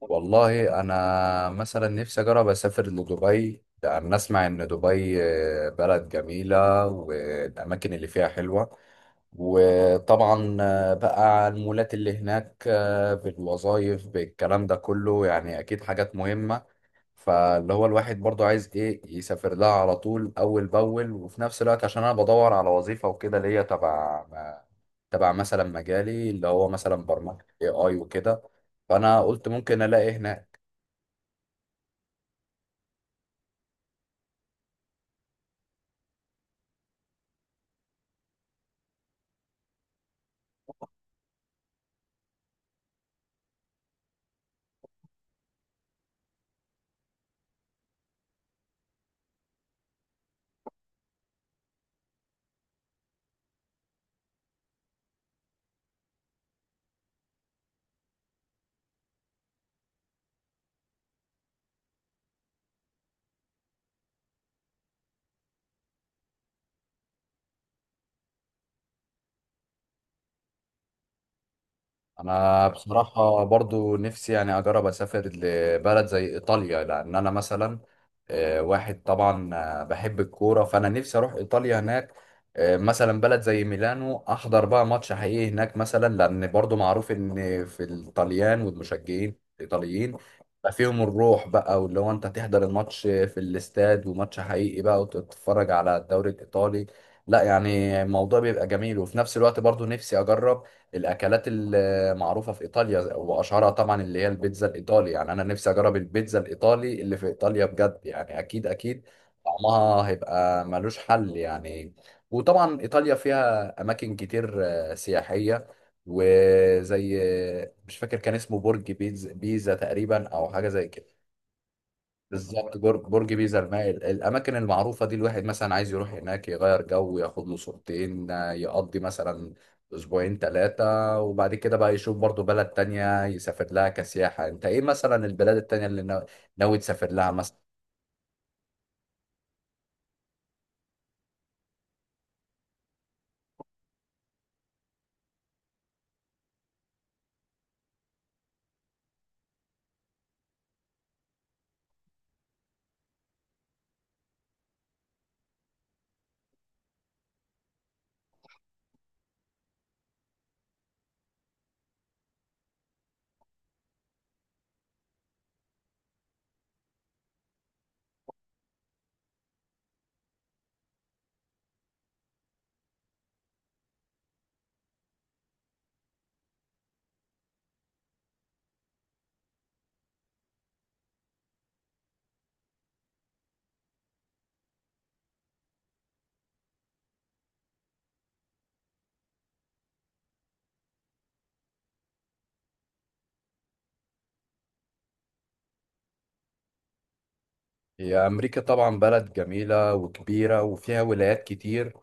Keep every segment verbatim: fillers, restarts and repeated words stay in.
والله انا مثلا نفسي اجرب اسافر لدبي لان اسمع ان دبي آه، بلد جميله والاماكن اللي فيها حلوه. وطبعا آه، بقى المولات اللي هناك، آه، بالوظائف بالكلام ده كله، يعني اكيد حاجات مهمه. فاللي هو الواحد برضو عايز ايه يسافر لها على طول، اول باول، وفي نفس الوقت عشان انا بدور على وظيفه وكده اللي هي تبع تبع مثلا مجالي اللي هو مثلا برمجه اي اي وكده. فانا قلت ممكن الاقي هنا. انا بصراحه برضو نفسي يعني اجرب اسافر لبلد زي ايطاليا، لان انا مثلا آه، واحد طبعا آه، بحب الكوره، فانا نفسي اروح ايطاليا هناك. آه، مثلا بلد زي ميلانو، احضر بقى ماتش حقيقي هناك مثلا، لان برضو معروف ان في الطليان والمشجعين الايطاليين بقى فيهم الروح بقى، واللي هو انت تحضر الماتش في الاستاد، وماتش حقيقي بقى، وتتفرج على الدوري الايطالي. لا يعني الموضوع بيبقى جميل. وفي نفس الوقت برضو نفسي اجرب الاكلات آه، معروفة في إيطاليا، وأشهرها طبعا اللي هي البيتزا الإيطالي. يعني أنا نفسي أجرب البيتزا الإيطالي اللي في إيطاليا بجد. يعني أكيد أكيد طعمها هيبقى ملوش حل يعني. وطبعا إيطاليا فيها أماكن كتير آه، سياحية، وزي آه، مش فاكر، كان اسمه برج بيتزا بيزا تقريبا أو حاجة زي كده. بالظبط، برج برج بيزا المائل. الاماكن المعروفه دي الواحد مثلا عايز يروح هناك، يغير جو، ياخد له صورتين، آه، يقضي مثلا اسبوعين ثلاثه، وبعد كده بقى يشوف برضو بلد تانية يسافر لها كسياحه. انت ايه مثلا البلاد التانية اللي نا- ناوي تسافر لها مثلا؟ هي امريكا طبعا بلد جميله وكبيره وفيها ولايات كتير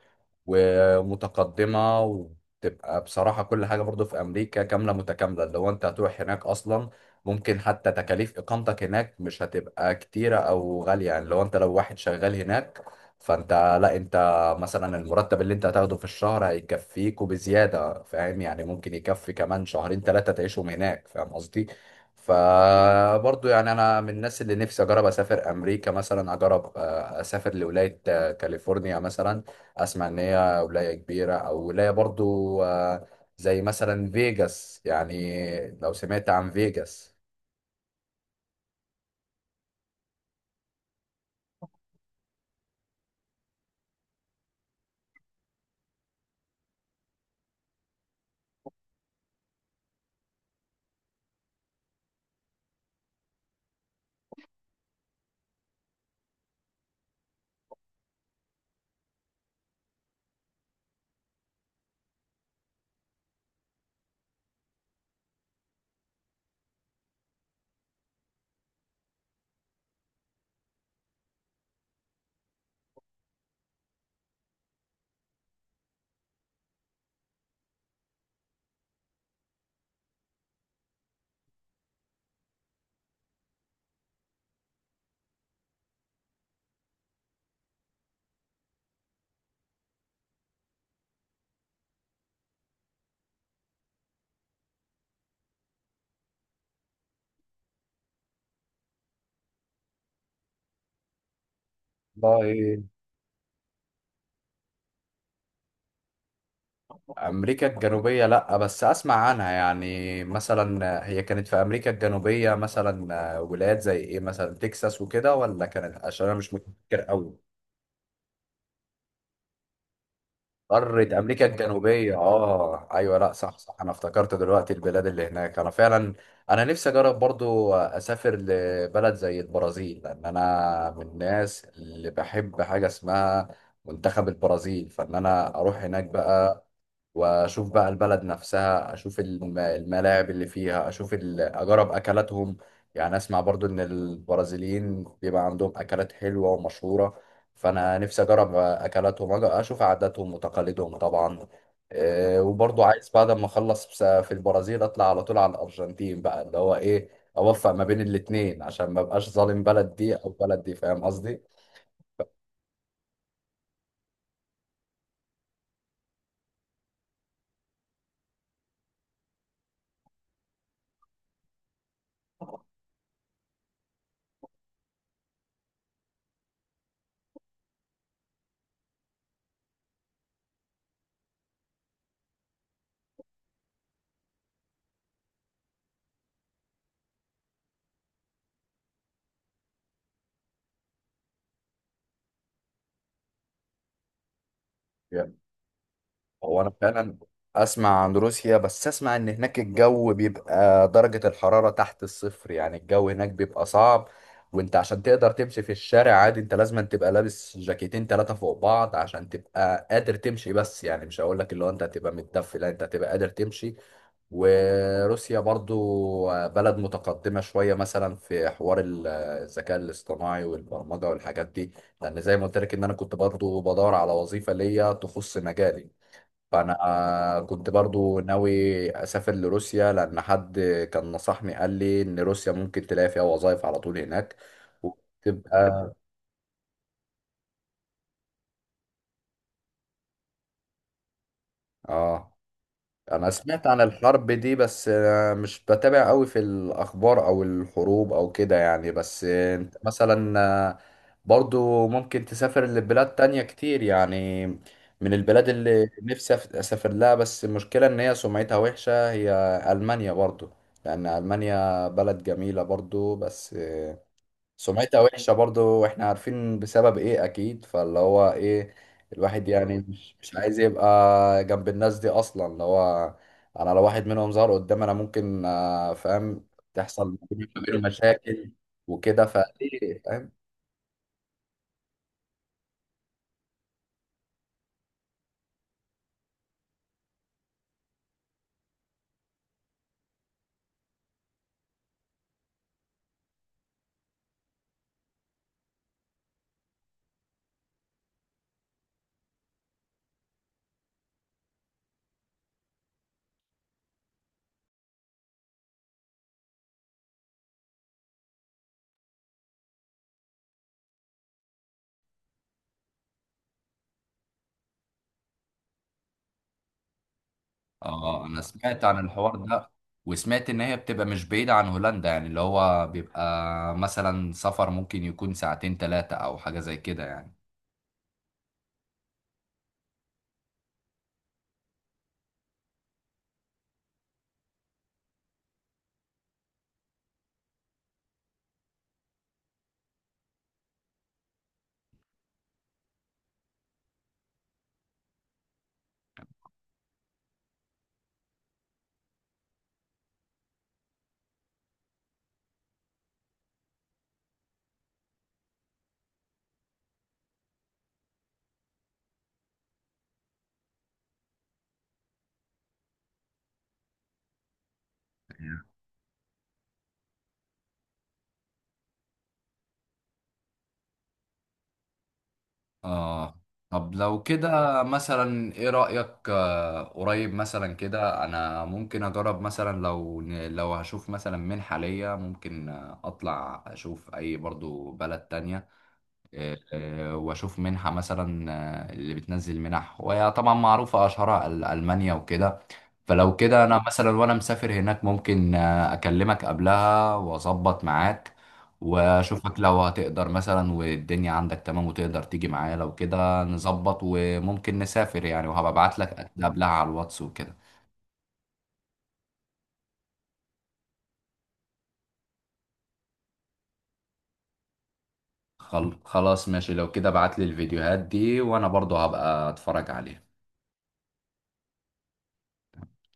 ومتقدمة، وتبقى بصراحة كل حاجة برضو في أمريكا كاملة متكاملة. لو أنت هتروح هناك أصلا، ممكن حتى تكاليف إقامتك هناك مش هتبقى كتيرة أو غالية. يعني لو أنت، لو واحد شغال هناك، فأنت، لا أنت مثلا المرتب اللي أنت هتاخده في الشهر هيكفيك وبزيادة، فاهم يعني؟ ممكن يكفي كمان شهرين ثلاثة تعيشهم هناك، فاهم قصدي؟ فبرضو يعني انا من الناس اللي نفسي اجرب اسافر امريكا مثلا، اجرب آه، اسافر لولايه آه، كاليفورنيا مثلا. اسمع ان هي ولايه كبيره، او ولايه برضو آه، زي مثلا فيجاس، يعني لو سمعت عن فيجاس. والله امريكا الجنوبيه، لا بس اسمع عنها. يعني مثلا هي كانت في امريكا الجنوبيه مثلا آه، ولايات زي ايه مثلا، تكساس وكده، ولا كانت؟ عشان انا مش متذكر قوي. قارة أمريكا الجنوبية، آه أيوة، لأ صح صح، أنا افتكرت دلوقتي البلاد اللي هناك. أنا فعلا أنا نفسي أجرب برضو أسافر لبلد زي البرازيل، لأن أنا من الناس اللي بحب حاجة اسمها منتخب البرازيل. فإن أنا أروح هناك بقى، واشوف بقى البلد نفسها، اشوف الم- الملاعب اللي فيها، اشوف ال- اجرب اكلاتهم. يعني اسمع برضو ان البرازيليين بيبقى عندهم اكلات حلوة ومشهورة، فانا نفسي اجرب اكلاتهم، أج- اشوف عاداتهم وتقاليدهم طبعا. إيه، وبرضو عايز بعد ما اخلص بس- في البرازيل، اطلع على طول على الارجنتين بقى، اللي هو ايه، اوفق ما بين الاتنين عشان ما بقاش ظالم بلد دي او بلد دي، فاهم قصدي؟ هو انا فعلا اسمع عن روسيا، بس اسمع ان هناك الجو بيبقى درجة الحرارة تحت الصفر، يعني الجو هناك بيبقى صعب. وانت عشان تقدر تمشي في الشارع عادي، انت لازم تبقى لابس جاكيتين ثلاثة فوق بعض عشان تبقى قادر تمشي. بس يعني مش هقول لك اللي هو انت هتبقى متدفي، لا انت هتبقى قادر تمشي. وروسيا برضو بلد متقدمة شوية، مثلا في حوار ال- الذكاء الاصطناعي والبرمجة والحاجات دي. لان زي ما قلت لك ان انا كنت برضو بدور على وظيفة ليا تخص مجالي، فانا آه، كنت برضو ناوي اسافر لروسيا، لان حد كان نصحني، قال لي ان روسيا ممكن تلاقي فيها وظائف على طول هناك وتبقى. اه انا سمعت عن الحرب دي، بس آه، مش بتابع قوي في الاخبار او الحروب او كده يعني. بس آه، انت مثلا آه، برضو ممكن تسافر لبلاد تانية كتير يعني. من البلاد اللي نفسي أف- اسافر لها، بس المشكلة ان هي سمعتها وحشة، هي المانيا برضو. لان المانيا بلد جميلة برضو، بس سمعتها وحشة برضو، واحنا عارفين بسبب ايه اكيد. فاللي هو ايه، الواحد يعني مش مش عايز يبقى جنب الناس دي اصلا. اللي هو انا لو واحد منهم ظهر قدامي، انا ممكن آه، فاهم، تحصل ما بينه مشاكل وكده، فايه فاهم. اه انا سمعت عن الحوار ده، وسمعت ان هي بتبقى مش بعيدة عن هولندا، يعني اللي هو بيبقى مثلا سفر ممكن يكون ساعتين ثلاثة او حاجة زي كده يعني. اه. طب لو كده مثلا، ايه رأيك؟ آه، قريب مثلا كده انا ممكن اجرب مثلا، لو لو هشوف مثلا منحة ليا، ممكن آه، اطلع اشوف اي برضو بلد تانية، آه، آه، واشوف منحة مثلا، آه، اللي بتنزل منح، وهي طبعا معروفة اشهرها أل- المانيا وكده. فلو كده انا مثلا وانا مسافر هناك، ممكن آه، اكلمك قبلها واظبط معاك واشوفك لو هتقدر مثلا، والدنيا عندك تمام وتقدر تيجي معايا، لو كده نظبط وممكن نسافر يعني، وهبقى ابعت لك قبلها على الواتس وكده. خل- خلاص ماشي، لو كده ابعت لي الفيديوهات دي وانا برضو هبقى اتفرج عليها.